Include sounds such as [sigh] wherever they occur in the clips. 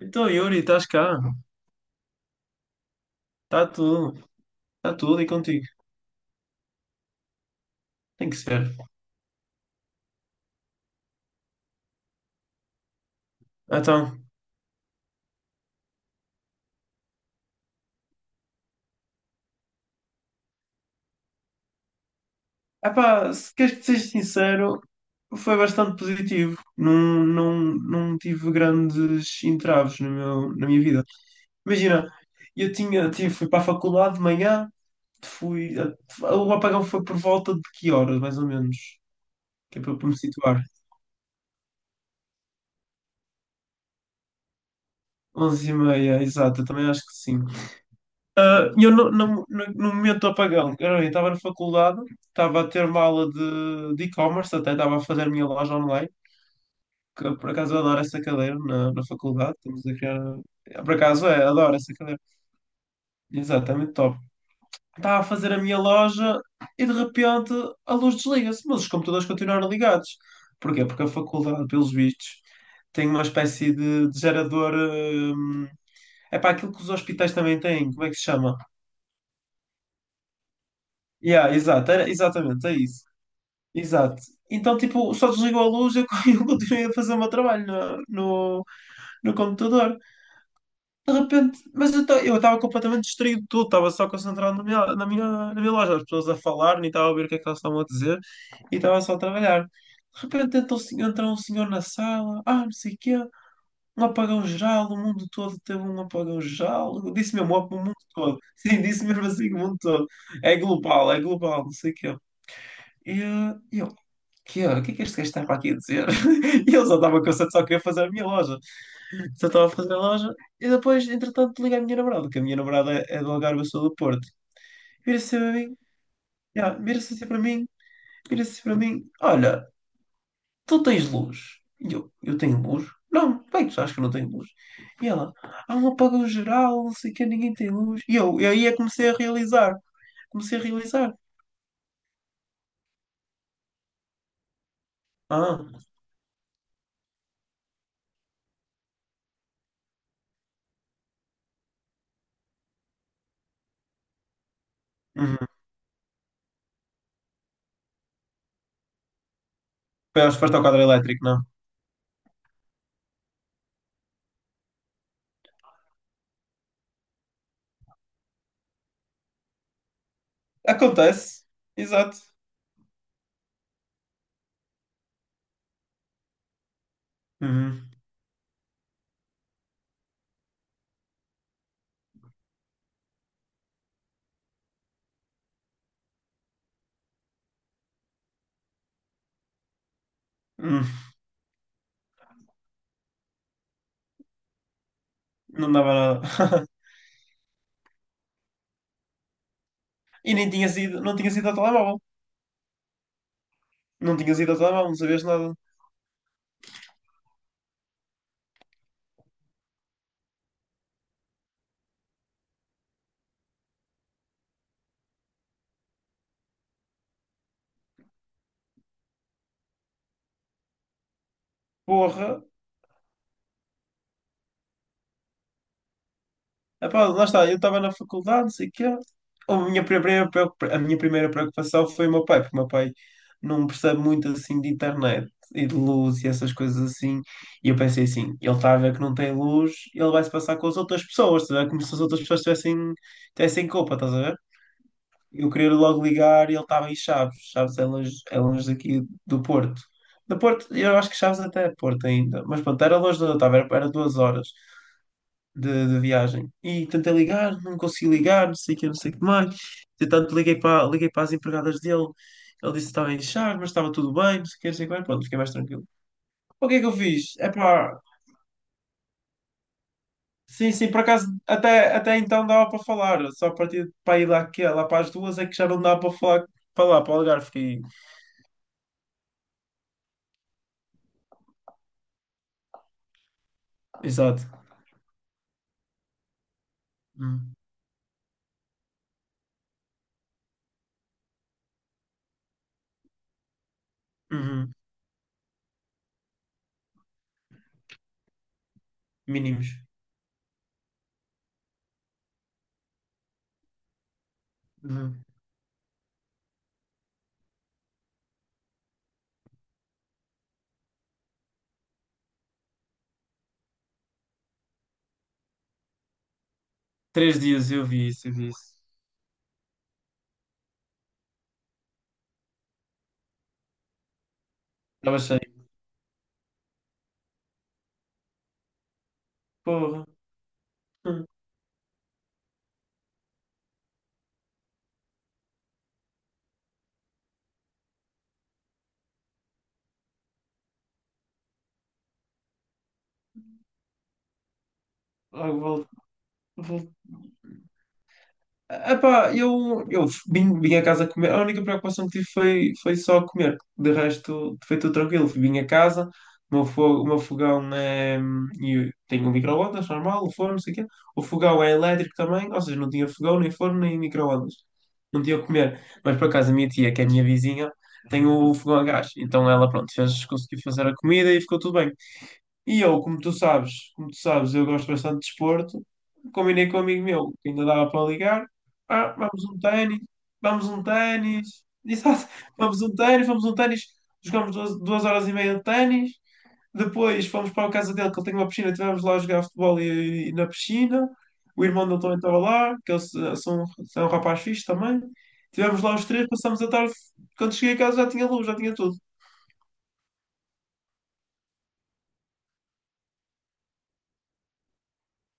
Então, Yuri, estás cá? Está tudo, está tudo e contigo. Tem que ser. Então, epá, se queres que te seja sincero, foi bastante positivo. Não, não, não tive grandes entraves no meu, na minha vida. Imagina, fui para a faculdade de manhã. fui, o apagão foi por volta de que horas, mais ou menos? Que é para me situar. 11:30, exato, eu também acho que sim. Ah, e eu no momento do apagão, cara, eu estava na faculdade, estava a ter uma aula de, e-commerce, até estava a fazer a minha loja online, que eu, por acaso eu adoro essa cadeira na faculdade, estamos a criar. Por acaso é, adoro essa cadeira. Exatamente, top. Estava a fazer a minha loja e de repente a luz desliga-se, mas os computadores continuaram ligados. Porquê? Porque a faculdade, pelos vistos, tem uma espécie de gerador. É para aquilo que os hospitais também têm, como é que se chama? Yeah, exato, era, exatamente, é isso. Exato. Então, tipo, só desligou a luz e eu [laughs] eu continuei a fazer o meu trabalho no computador. De repente, mas eu estava completamente distraído de tudo, estava só concentrado na minha loja, as pessoas a falar, nem estava a ouvir o que é que elas estavam a dizer e estava só a trabalhar. De repente entra um senhor na sala, ah, não sei o quê, um apagão geral, o mundo todo teve um apagão geral. Eu disse mesmo, o mundo todo. [laughs] Sim, disse mesmo assim, o mundo todo. É global, não sei o quê. E eu, que, olha, o que é que este gajo está para aqui a dizer? [laughs] E ele só estava cansado, só queria fazer a minha loja. Só estava a fazer a loja. E depois, entretanto, liga a minha namorada, que a minha namorada é do Algarve, eu sou do Porto. Vira-se assim para mim. já, vira-se assim para mim, Olha, tu tens luz. E eu tenho luz? Não, bem, tu sabes que eu não tenho luz. E ela, há um apagão geral, não sei o que, ninguém tem luz. E aí é que comecei a realizar. Comecei a realizar. Ah, uhum. Foi, acho que foste ao quadro elétrico, não? Acontece. Exato. Uhum. Uhum. Não dava nada. [laughs] E nem tinha sido, Não tinha sido ao telemóvel. Não tinha sido ao telemóvel, não sabias nada. Porra. Epá, lá está, eu estava na faculdade, não sei o quê. A minha primeira preocupação foi o meu pai, porque o meu pai não percebe muito assim de internet e de luz e essas coisas assim. E eu pensei assim, ele está a ver que não tem luz, ele vai se passar com as outras pessoas, estás a ver? Como se as outras pessoas tivessem, culpa, estás a ver? Eu queria logo ligar e ele estava em Chaves. Chaves é longe daqui do Porto. Do Porto, eu acho que Chaves até é Porto ainda. Mas pronto, era longe de onde eu estava, era 2 horas de viagem. E tentei ligar, não consegui ligar, não sei o que, não sei o que mais. Entretanto, liguei para, as empregadas dele. Ele disse que estava em charge, mas estava tudo bem, não sei o que, não sei o que mais. Pronto, fiquei mais tranquilo. O que é que eu fiz? É pá, sim, sim, por acaso até então dava para falar, só a partir de para ir lá, que, lá para as duas é que já não dava para falar para lá, para o Algarve. Fiquei. Exato. Hum, uhum, mínimos. Uhum. 3 dias, eu vi isso, eu vi isso. Estava cheio. Porra. Hum, Logo volto. Epá, eu, vim a casa comer. A única preocupação que tive foi só comer. De resto, foi tudo tranquilo. Vim a casa, o meu fogão é. E tenho um micro-ondas normal, o forno, não sei o quê. O fogão é elétrico também, ou seja, não tinha fogão, nem forno, nem micro-ondas. Não tinha o que comer. Mas por acaso a minha tia, que é a minha vizinha, tem o fogão a gás. Então ela, pronto, conseguiu fazer a comida e ficou tudo bem. E eu, como tu sabes, eu gosto bastante de desporto. Combinei com um amigo meu que ainda dava para ligar. Ah, vamos um ténis, vamos um ténis. Exato, [laughs] vamos um ténis, vamos um ténis. Jogamos 2 horas e meia de ténis. Depois fomos para a casa dele, que ele tem uma piscina. Estivemos lá a jogar futebol e na piscina. O irmão dele também estava lá, que eles são um rapaz fixe também. Estivemos lá os três, passamos a tarde. Quando cheguei a casa já tinha luz, já tinha tudo.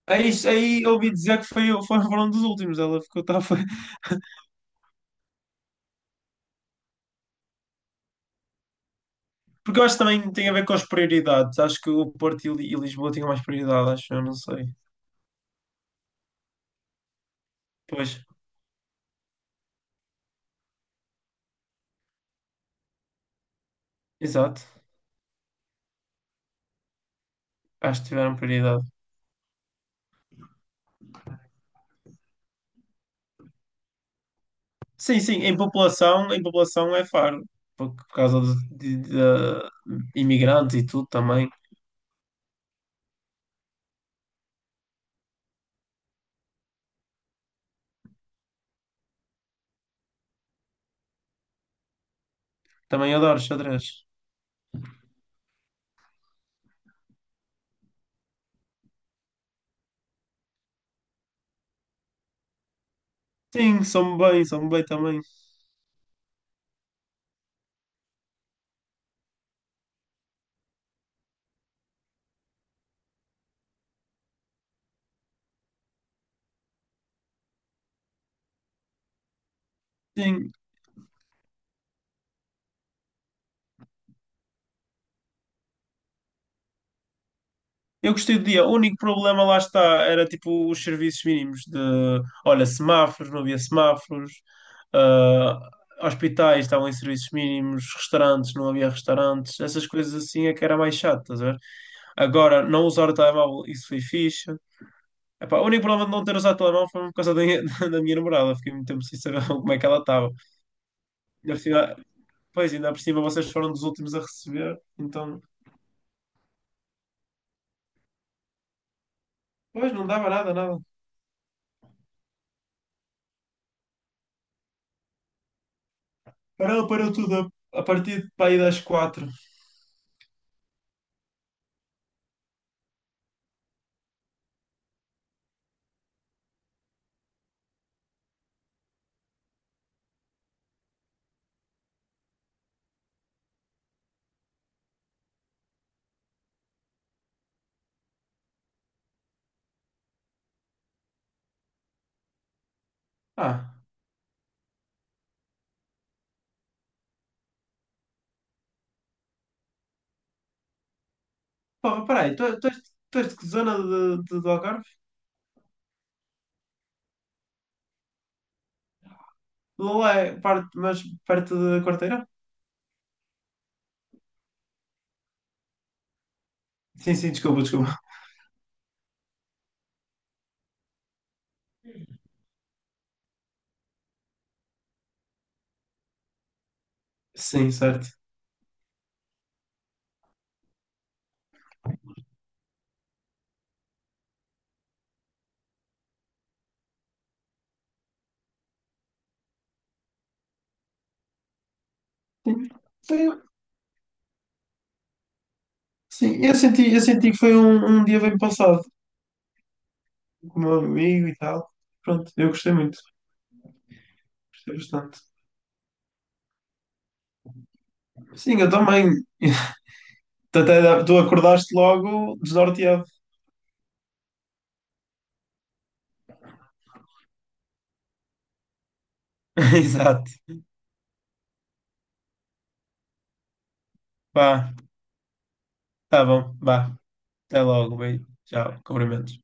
Aí, ouvi dizer que [laughs] foram dos últimos. Ela ficou, tá. Porque eu acho que também tem a ver com as prioridades. Acho que o Porto e Lisboa tinham mais prioridade, acho eu, não sei. Pois, exato. Acho que tiveram prioridade. Sim, sim, em população é Faro. Por causa de imigrantes e tudo também. Também adoro xadrez. Sim, sou-me bem também. Sim, eu gostei do dia. O único problema, lá está, era tipo os serviços mínimos de, olha, semáforos, não havia semáforos, ah, hospitais estavam em serviços mínimos, restaurantes, não havia restaurantes, essas coisas assim é que era mais chato, estás a ver? Agora, não usar o telemóvel, isso foi fixe. Epá, o único problema de não ter usado o telemóvel foi por causa [laughs] da minha namorada, fiquei muito tempo sem saber [laughs] como é que ela estava. Ainda por cima. Pois, ainda por cima vocês foram dos últimos a receber, então, pois, não dava nada, nada. Parou tudo a partir de para aí das 4. Ah, pá, peraí, tu és de que zona de, do Algarve? Lola é parte, mas perto da Quarteira? Sim, sim, desculpa, desculpa. Sim, certo. Sim, foi- sim, eu senti que foi um, dia bem passado com o meu amigo e tal. Pronto, eu gostei muito, gostei bastante. Sim, eu também. [laughs] Tu acordaste logo desnorteado. [laughs] Exato. Pá, tá bom, vá. Até logo, beijo. Tchau, cumprimentos.